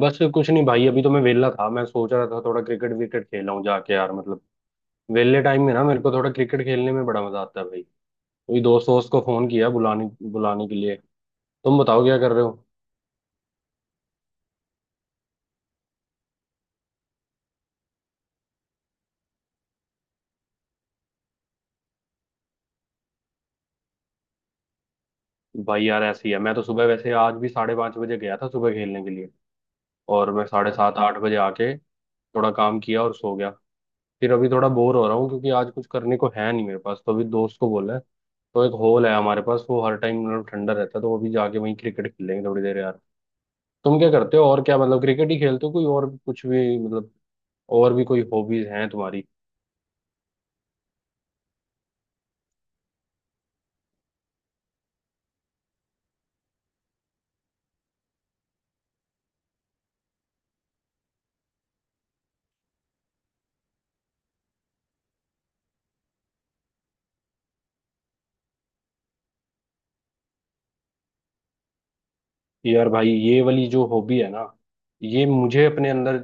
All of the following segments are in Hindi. बस कुछ नहीं भाई, अभी तो मैं वेला था। मैं सोच रहा था थोड़ा क्रिकेट विकेट खेला हूँ जाके यार, मतलब वेले टाइम में ना मेरे को थोड़ा क्रिकेट खेलने में बड़ा मजा आता है भाई। कोई दोस्त वोस्त को फोन किया बुलाने बुलाने के लिए। तुम बताओ क्या कर रहे हो। भाई यार ऐसी है, मैं तो सुबह, वैसे आज भी 5:30 बजे गया था सुबह खेलने के लिए, और मैं 7:30 8 बजे आके थोड़ा काम किया और सो गया। फिर अभी थोड़ा बोर हो रहा हूँ क्योंकि आज कुछ करने को है नहीं मेरे पास, तो अभी दोस्त को बोला है। तो एक हॉल है हमारे पास, वो हर टाइम मतलब ठंडा रहता है, तो अभी जाके वहीं क्रिकेट खेलेंगे थोड़ी देर यार। तुम क्या करते हो, और क्या मतलब क्रिकेट ही खेलते हो कोई और कुछ भी, मतलब और भी कोई हॉबीज हैं तुम्हारी। यार भाई ये वाली जो हॉबी है ना, ये मुझे अपने अंदर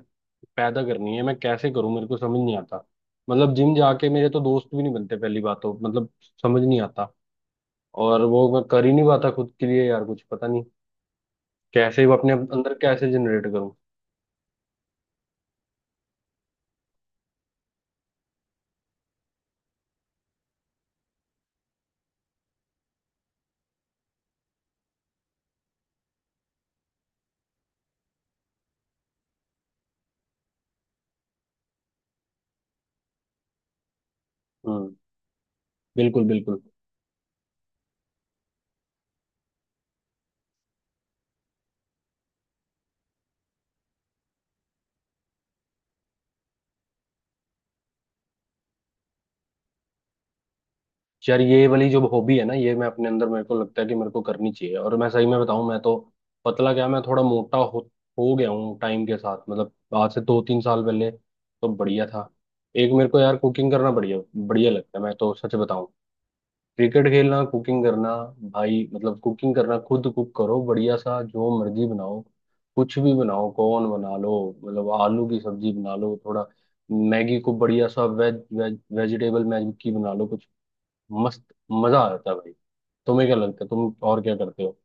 पैदा करनी है। मैं कैसे करूं, मेरे को समझ नहीं आता। मतलब जिम जाके मेरे तो दोस्त भी नहीं बनते पहली बात तो, मतलब समझ नहीं आता। और वो मैं कर ही नहीं पाता खुद के लिए यार, कुछ पता नहीं कैसे वो अपने अंदर कैसे जनरेट करूं। हम्म, बिल्कुल बिल्कुल। यार ये वाली जो हॉबी है ना, ये मैं अपने अंदर, मेरे को लगता है कि मेरे को करनी चाहिए। और मैं सही में बताऊं, मैं तो पतला क्या मैं थोड़ा मोटा हो गया हूँ टाइम के साथ। मतलब आज से 2 3 साल पहले तो बढ़िया था। एक मेरे को यार कुकिंग करना बढ़िया बढ़िया लगता है, मैं तो सच बताऊं। क्रिकेट खेलना, कुकिंग करना। भाई मतलब कुकिंग करना, खुद कुक करो बढ़िया सा, जो मर्जी बनाओ। कुछ भी बनाओ, कॉर्न बना लो, मतलब आलू की सब्जी बना लो थोड़ा, मैगी को बढ़िया सा वेज वेज वेजिटेबल मैगी बना लो कुछ। मस्त मजा आ जाता है भाई। तुम्हें क्या लगता है, तुम और क्या करते हो।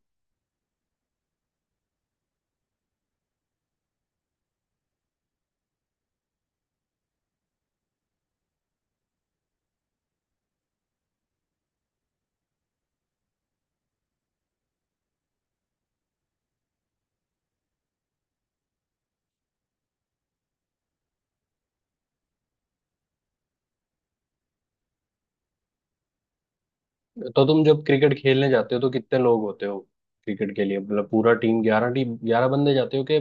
तो तुम जब क्रिकेट खेलने जाते हो तो कितने लोग होते हो? क्रिकेट के लिए मतलब पूरा टीम 11, टीम 11 बंदे जाते हो, कि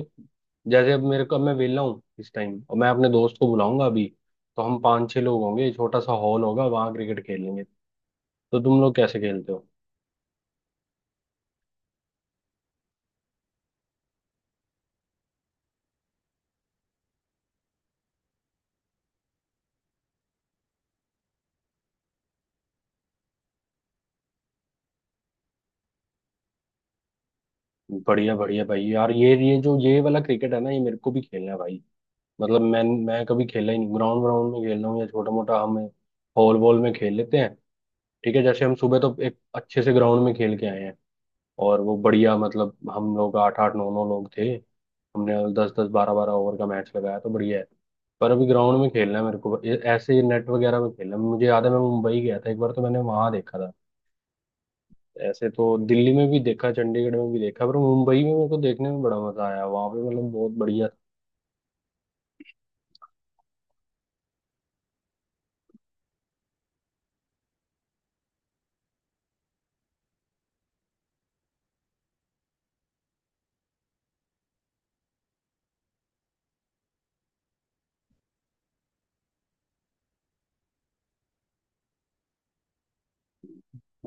जैसे अब मेरे को, अब मैं वेला हूँ इस टाइम और मैं अपने दोस्त को बुलाऊंगा अभी, तो हम 5 6 लोग होंगे, छोटा सा हॉल होगा, वहां क्रिकेट खेलेंगे। तो तुम लोग कैसे खेलते हो? बढ़िया बढ़िया भाई यार, ये जो ये वाला क्रिकेट है ना, ये मेरे को भी खेलना है भाई। मतलब मैं कभी खेला ही नहीं ग्राउंड, ग्राउंड में खेल रहा हूँ या छोटा मोटा हम हॉल वॉल में खेल लेते हैं। ठीक है, जैसे हम सुबह तो एक अच्छे से ग्राउंड में खेल के आए हैं, और वो बढ़िया, मतलब हम लोग 8 8 9 9 लोग थे। हमने 10 10 12 12 ओवर का मैच लगाया, तो बढ़िया है। पर अभी ग्राउंड में खेलना है मेरे को, ऐसे नेट वगैरह में खेलना है। मुझे याद है मैं मुंबई गया था एक बार, तो मैंने वहां देखा था। ऐसे तो दिल्ली में भी देखा, चंडीगढ़ में भी देखा, पर मुंबई में मेरे को देखने में बड़ा मजा आया। वहां पे मतलब बहुत बढ़िया था।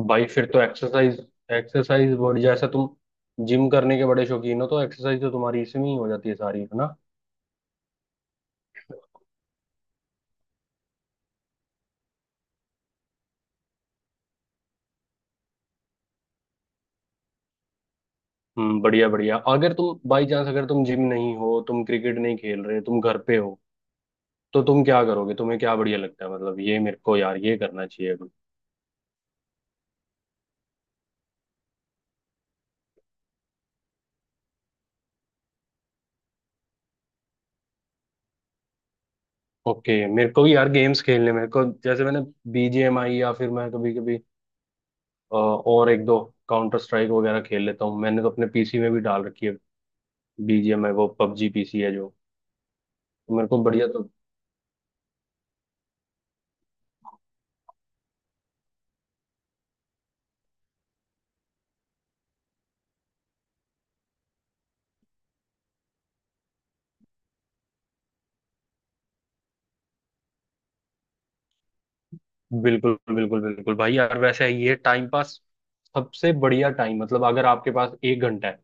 भाई फिर तो एक्सरसाइज एक्सरसाइज बॉडी जैसा, तुम जिम करने के बड़े शौकीन हो, तो एक्सरसाइज तो तुम्हारी इसमें ही हो जाती है सारी है। बढ़िया बढ़िया। अगर तुम बाई चांस अगर तुम जिम नहीं हो, तुम क्रिकेट नहीं खेल रहे, तुम घर पे हो, तो तुम क्या करोगे? तुम्हें क्या बढ़िया लगता है, मतलब ये मेरे को यार, ये करना चाहिए अभी। ओके, मेरे को भी यार गेम्स खेलने, मेरे को जैसे मैंने बीजीएमआई, या फिर मैं कभी कभी, और एक दो काउंटर स्ट्राइक वगैरह खेल लेता हूँ। मैंने तो अपने पीसी में भी डाल रखी है बीजीएमआई, वो पबजी पीसी है जो, तो मेरे को बढ़िया तो, बिल्कुल बिल्कुल बिल्कुल भाई यार। वैसे ये टाइम पास सबसे बढ़िया टाइम, मतलब अगर आपके पास 1 घंटा है,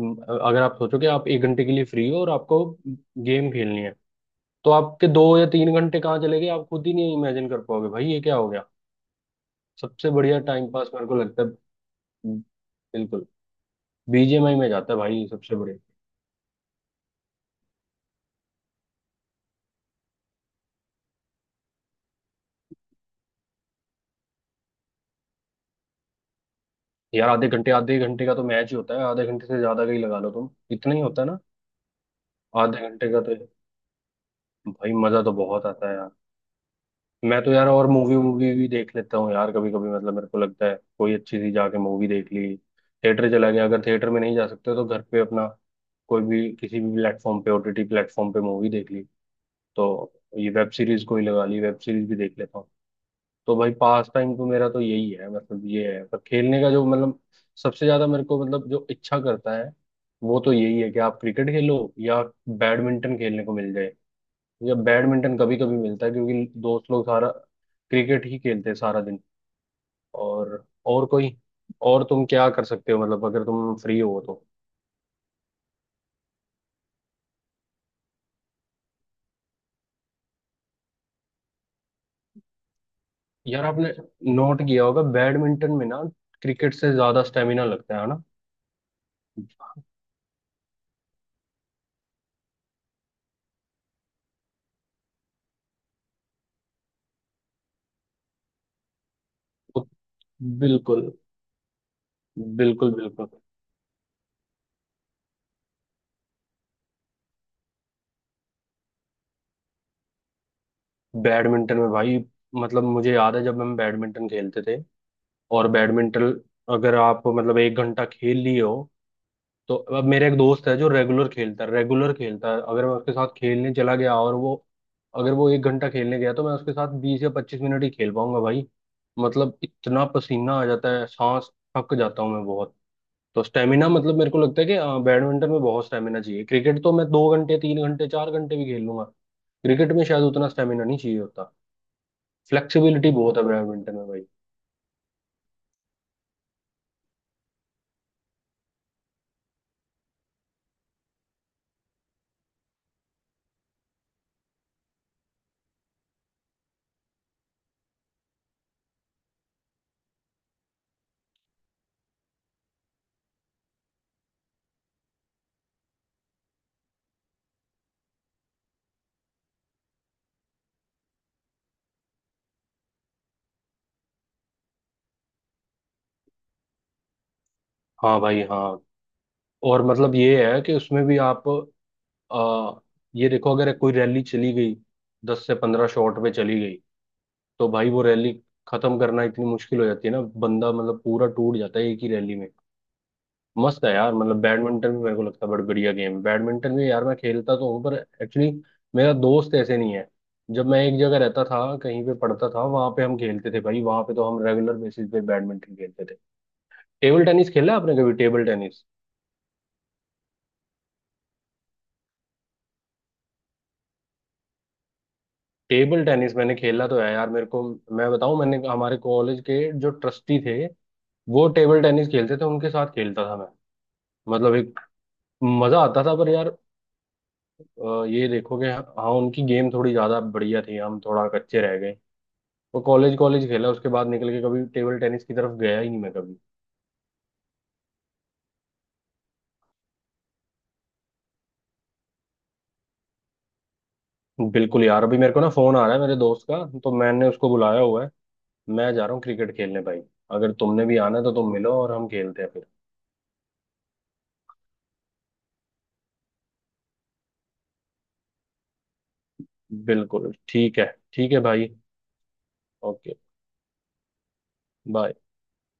अगर आप सोचो कि आप 1 घंटे के लिए फ्री हो और आपको गेम खेलनी है, तो आपके 2 या 3 घंटे कहाँ चले गए आप खुद ही नहीं इमेजिन कर पाओगे भाई, ये क्या हो गया। सबसे बढ़िया टाइम पास मेरे को लगता है। हम्म, बिल्कुल। बीजीएमआई में जाता है भाई सबसे बढ़िया। यार आधे घंटे, आधे घंटे का तो मैच ही होता है, आधे घंटे से ज्यादा का ही लगा लो तुम। इतना ही होता है ना, आधे घंटे का तो। भाई मजा तो बहुत आता है। मैं तो यार और मूवी वूवी भी देख लेता हूँ यार कभी कभी। मतलब मेरे को लगता है कोई अच्छी सी जाके मूवी देख ली, थिएटर चला गया, अगर थिएटर में नहीं जा सकते तो घर पे अपना कोई भी, किसी भी प्लेटफॉर्म पे, ओटीटी प्लेटफॉर्म पे मूवी देख ली। तो ये वेब सीरीज कोई लगा ली, वेब सीरीज भी देख लेता हूँ। तो भाई पास टाइम तो मेरा तो यही है, मतलब ये है। पर खेलने का जो मतलब सबसे ज्यादा मेरे को, मतलब जो इच्छा करता है, वो तो यही है कि आप क्रिकेट खेलो या बैडमिंटन खेलने को मिल जाए। मुझे बैडमिंटन कभी कभी मिलता है क्योंकि दोस्त लोग सारा क्रिकेट ही खेलते हैं सारा दिन। और कोई, और तुम क्या कर सकते हो, मतलब अगर तुम फ्री हो तो। यार आपने नोट किया होगा बैडमिंटन में ना, क्रिकेट से ज्यादा स्टेमिना लगता है ना। उत- बिल्कुल बिल्कुल बिल्कुल। बैडमिंटन में भाई, मतलब मुझे याद है जब हम बैडमिंटन खेलते थे, और बैडमिंटन अगर आप मतलब 1 घंटा खेल लिए हो, तो, अब मेरा एक दोस्त है जो रेगुलर खेलता है, रेगुलर खेलता है, अगर मैं उसके साथ खेलने चला गया और वो, अगर वो 1 घंटा खेलने गया तो मैं उसके साथ 20 या 25 मिनट ही खेल पाऊंगा भाई। मतलब इतना पसीना आ जाता है, सांस थक जाता हूँ मैं बहुत। तो स्टेमिना, मतलब मेरे को लगता है कि बैडमिंटन में बहुत स्टेमिना चाहिए। क्रिकेट तो मैं 2 घंटे 3 घंटे 4 घंटे भी खेल लूंगा, क्रिकेट में शायद उतना स्टेमिना नहीं चाहिए होता। फ्लेक्सिबिलिटी बहुत है बैडमिंटन में भाई। हाँ भाई हाँ। और मतलब ये है कि उसमें भी आप, आ, ये देखो अगर कोई रैली चली गई 10 से 15 शॉट पे चली गई, तो भाई वो रैली खत्म करना इतनी मुश्किल हो जाती है ना। बंदा मतलब पूरा टूट जाता है एक ही रैली में। मस्त है यार, मतलब बैडमिंटन भी मेरे को लगता है बड़ा बढ़िया गेम है। बैडमिंटन भी यार मैं खेलता तो हूँ पर, एक्चुअली मेरा दोस्त ऐसे नहीं है। जब मैं एक जगह रहता था कहीं पे पढ़ता था, वहां पे हम खेलते थे भाई, वहां पे तो हम रेगुलर बेसिस पे बैडमिंटन खेलते थे। टेबल टेनिस खेला आपने कभी, टेबल टेनिस? टेबल टेनिस मैंने खेला तो है यार, मेरे को, मैं बताऊं, मैंने हमारे कॉलेज के जो ट्रस्टी थे वो टेबल टेनिस खेलते थे, उनके साथ खेलता था मैं, मतलब एक मजा आता था। पर यार, ये देखो कि, हाँ उनकी गेम थोड़ी ज्यादा बढ़िया थी, हम थोड़ा कच्चे रह गए। वो कॉलेज, कॉलेज खेला, उसके बाद निकल के कभी टेबल टेनिस की तरफ गया ही नहीं मैं कभी। बिल्कुल यार, अभी मेरे को ना फोन आ रहा है मेरे दोस्त का, तो मैंने उसको बुलाया हुआ है, मैं जा रहा हूँ क्रिकेट खेलने भाई। अगर तुमने भी आना है तो तुम मिलो और हम खेलते हैं फिर। बिल्कुल ठीक है। ठीक है भाई। Okay, bye.